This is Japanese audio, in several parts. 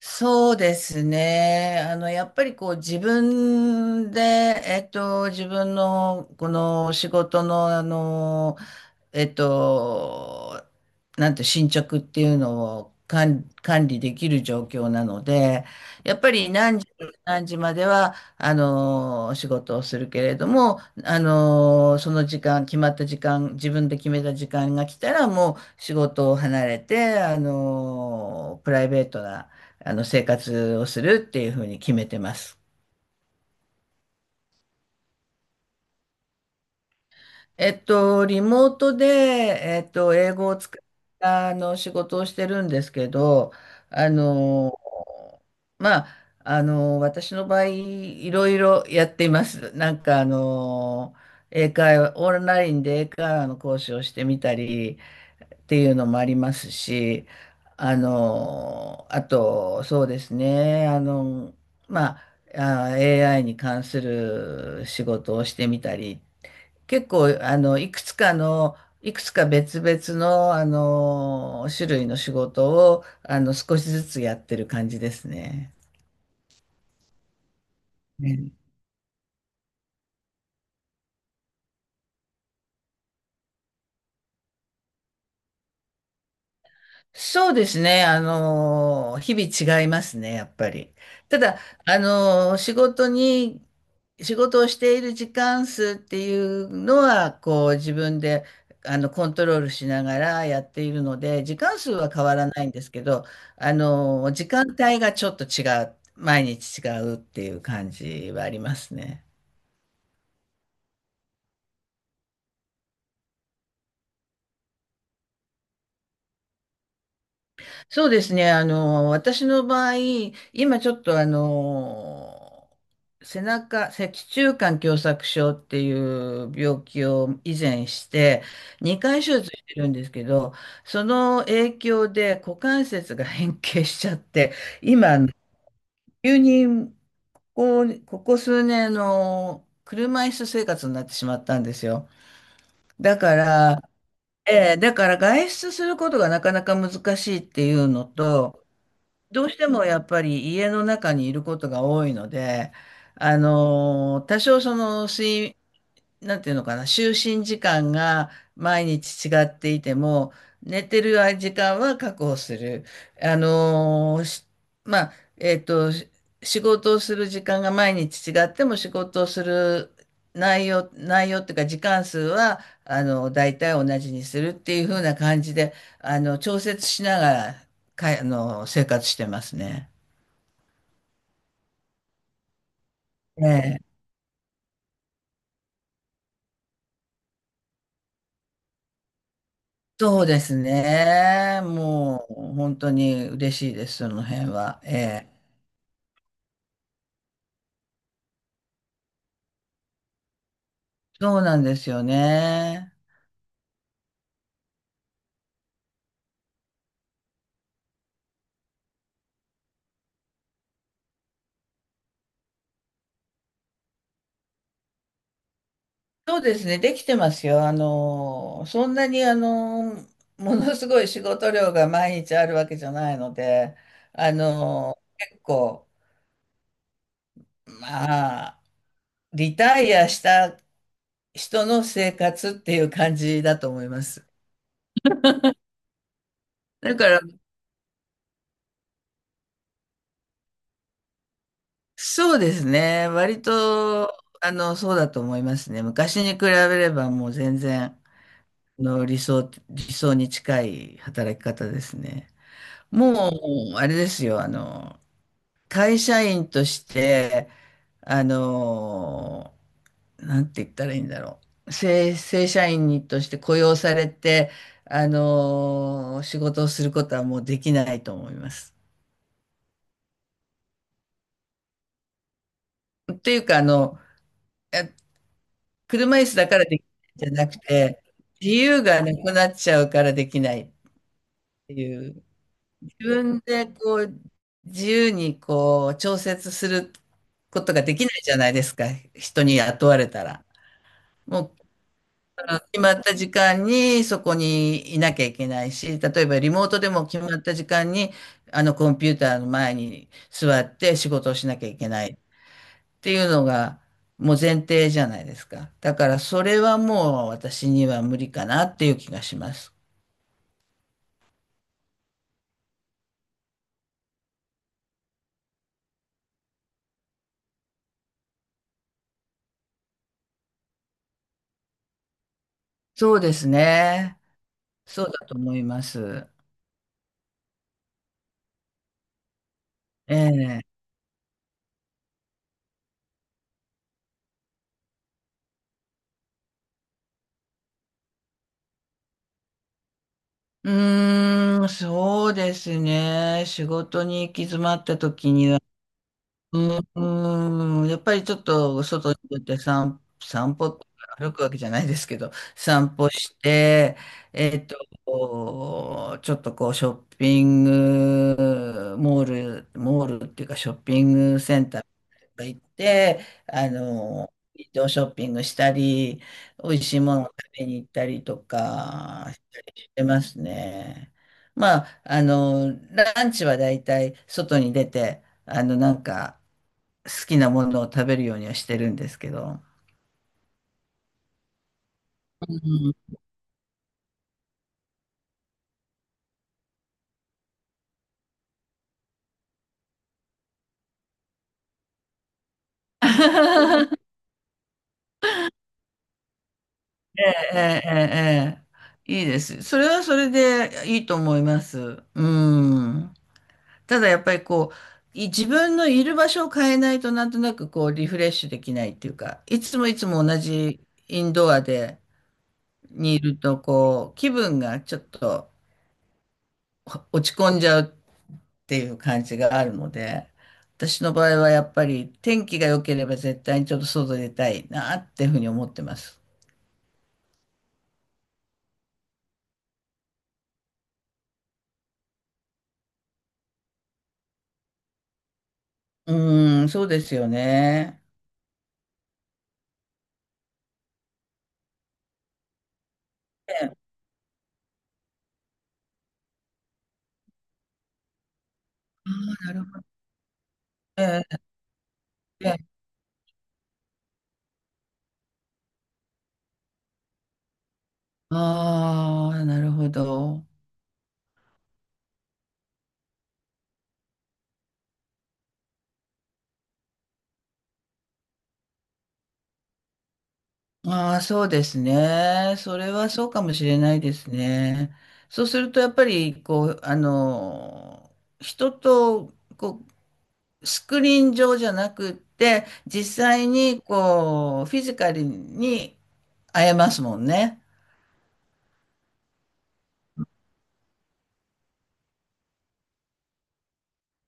そうですね。やっぱりこう自分で、自分のこの仕事の、えっと、なんて進捗っていうのを管理できる状況なので、やっぱり何時までは、仕事をするけれども、その時間、決まった時間、自分で決めた時間が来たら、もう仕事を離れて、プライベートな、あの生活をするっていうふうに決めてます。リモートで、英語を使ったあの仕事をしてるんですけど、あの、私の場合、いろいろやっています。英会話、オンラインで英会話の講師をしてみたりっていうのもありますし、あと、そうですね、まあ、あー AI に関する仕事をしてみたり結構、いくつか別々の、種類の仕事を、少しずつやってる感じですね。ね、そうですね。あの、日々違いますね、やっぱり。ただ、あの、仕事に、仕事をしている時間数っていうのは、こう、自分で、コントロールしながらやっているので、時間数は変わらないんですけど、時間帯がちょっと違う、毎日違うっていう感じはありますね。そうですね。私の場合、今ちょっとあの、背中、脊柱管狭窄症っていう病気を以前して、2回手術してるんですけど、その影響で股関節が変形しちゃって、今、急にこう、ここ数年の車椅子生活になってしまったんですよ。だから、だから外出することがなかなか難しいっていうのと、どうしてもやっぱり家の中にいることが多いので、あの、多少その睡、なんていうのかな、就寝時間が毎日違っていても、寝てる時間は確保する。あのーしまあ、えっと、し仕事をする時間が毎日違っても仕事をする内容っていうか時間数は、大体同じにするっていう風な感じで、調節しながら、かい、あの、生活してますね。ええ、そうですね。もう本当に嬉しいです、その辺は。ええ。そうなんですよね。そうですね、できてますよ。あの、そんなにあの、ものすごい仕事量が毎日あるわけじゃないので、あの、結構、まあ、リタイアした人の生活っていう感じだと思います。だから、そうですね。割と、そうだと思いますね。昔に比べればもう全然、理想に近い働き方ですね。もう、あれですよ、会社員として、あの、なんて言ったらいいんだろう。正社員として雇用されて、仕事をすることはもうできないと思います。っていうか、車椅子だからできないんじゃなくて、自由がなくなっちゃうからできないっていう、自分でこう、自由にこう、調節することができないじゃないですか、人に雇われたら。もう、あの決まった時間にそこにいなきゃいけないし、例えばリモートでも決まった時間に、あのコンピューターの前に座って仕事をしなきゃいけない。っていうのがもう前提じゃないですか。だからそれはもう私には無理かなっていう気がします。そうですね。そうだと思います。ええ。うーん、そうですね。仕事に行き詰まった時にやっぱりちょっと外に出て散歩って歩くわけじゃないですけど、散歩して、ちょっとこうショッピングモール、モールっていうかショッピングセンターとか行って、ウィンドウショッピングしたり、美味しいものを食べに行ったりとかしたりしてますね。ランチはだいたい外に出て、好きなものを食べるようにはしてるんですけど。うん。ええ、ええ、ええ、いいです。それはそれでいいと思います。うん。ただやっぱりこう、自分のいる場所を変えないとなんとなくこうリフレッシュできないっていうか、いつもいつも同じインドアでにいるとこう、気分がちょっと落ち込んじゃうっていう感じがあるので、私の場合はやっぱり天気が良ければ絶対にちょっと外出たいなっていうふうに思ってます。うーん、そうですよね。ええ。ああ、なるほど。ええ、ええ。ああ、なるほど。ああ、そうですね。それはそうかもしれないですね。そうすると、やっぱり、人と、こう、スクリーン上じゃなくって、実際に、こう、フィジカルに会えますもんね。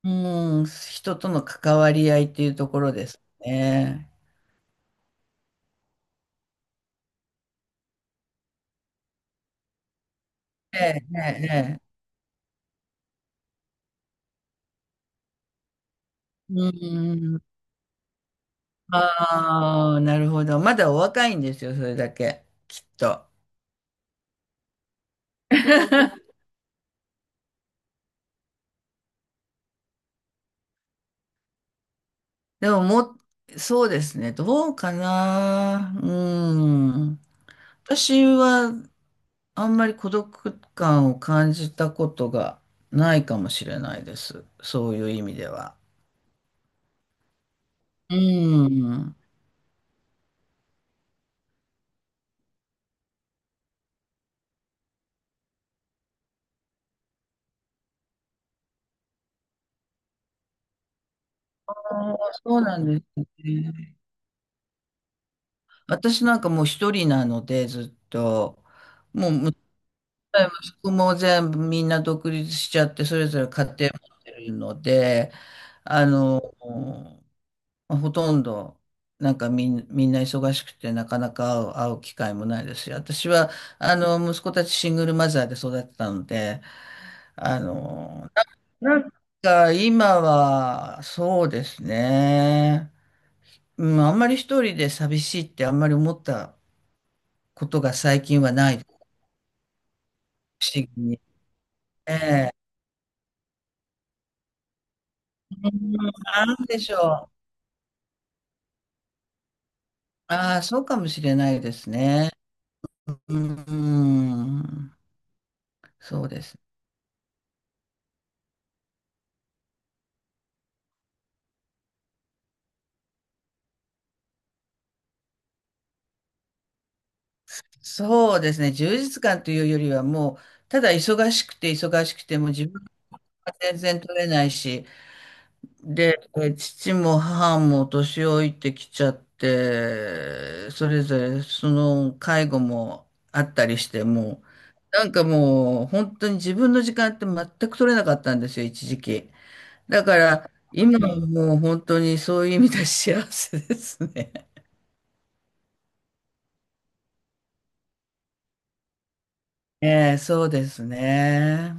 うん、人との関わり合いっていうところですね。ええ、ええ、ええ。うん。ああ、なるほど。まだお若いんですよ、それだけ。きっと。でもそうですね。どうかな。うん。私は、あんまり孤独感を感じたことがないかもしれないです。そういう意味では。うん。あー、そうなんですね。私なんかもう一人なので、ずっと、もう息子や息子も全部みんな独立しちゃって、それぞれ家庭持ってるので、あの、ほとんど、なんかみん、みんな忙しくて、なかなか会う、会う機会もないですし、私は、息子たちシングルマザーで育ってたので、あの、ななんか今は、そうですね。うん、あんまり一人で寂しいってあんまり思ったことが最近はない、不思議に。ええ。なんでしょう。ああ、そうかもしれないですね。うん、そうです。そうですね。充実感というよりはもう、ただ忙しくて忙しくても自分が全然取れないし、で、父も母も年老いてきちゃって、それぞれその介護もあったりして、もう、本当に自分の時間って全く取れなかったんですよ、一時期。だから、今はもう本当にそういう意味では幸せですね。ええ、そうですね。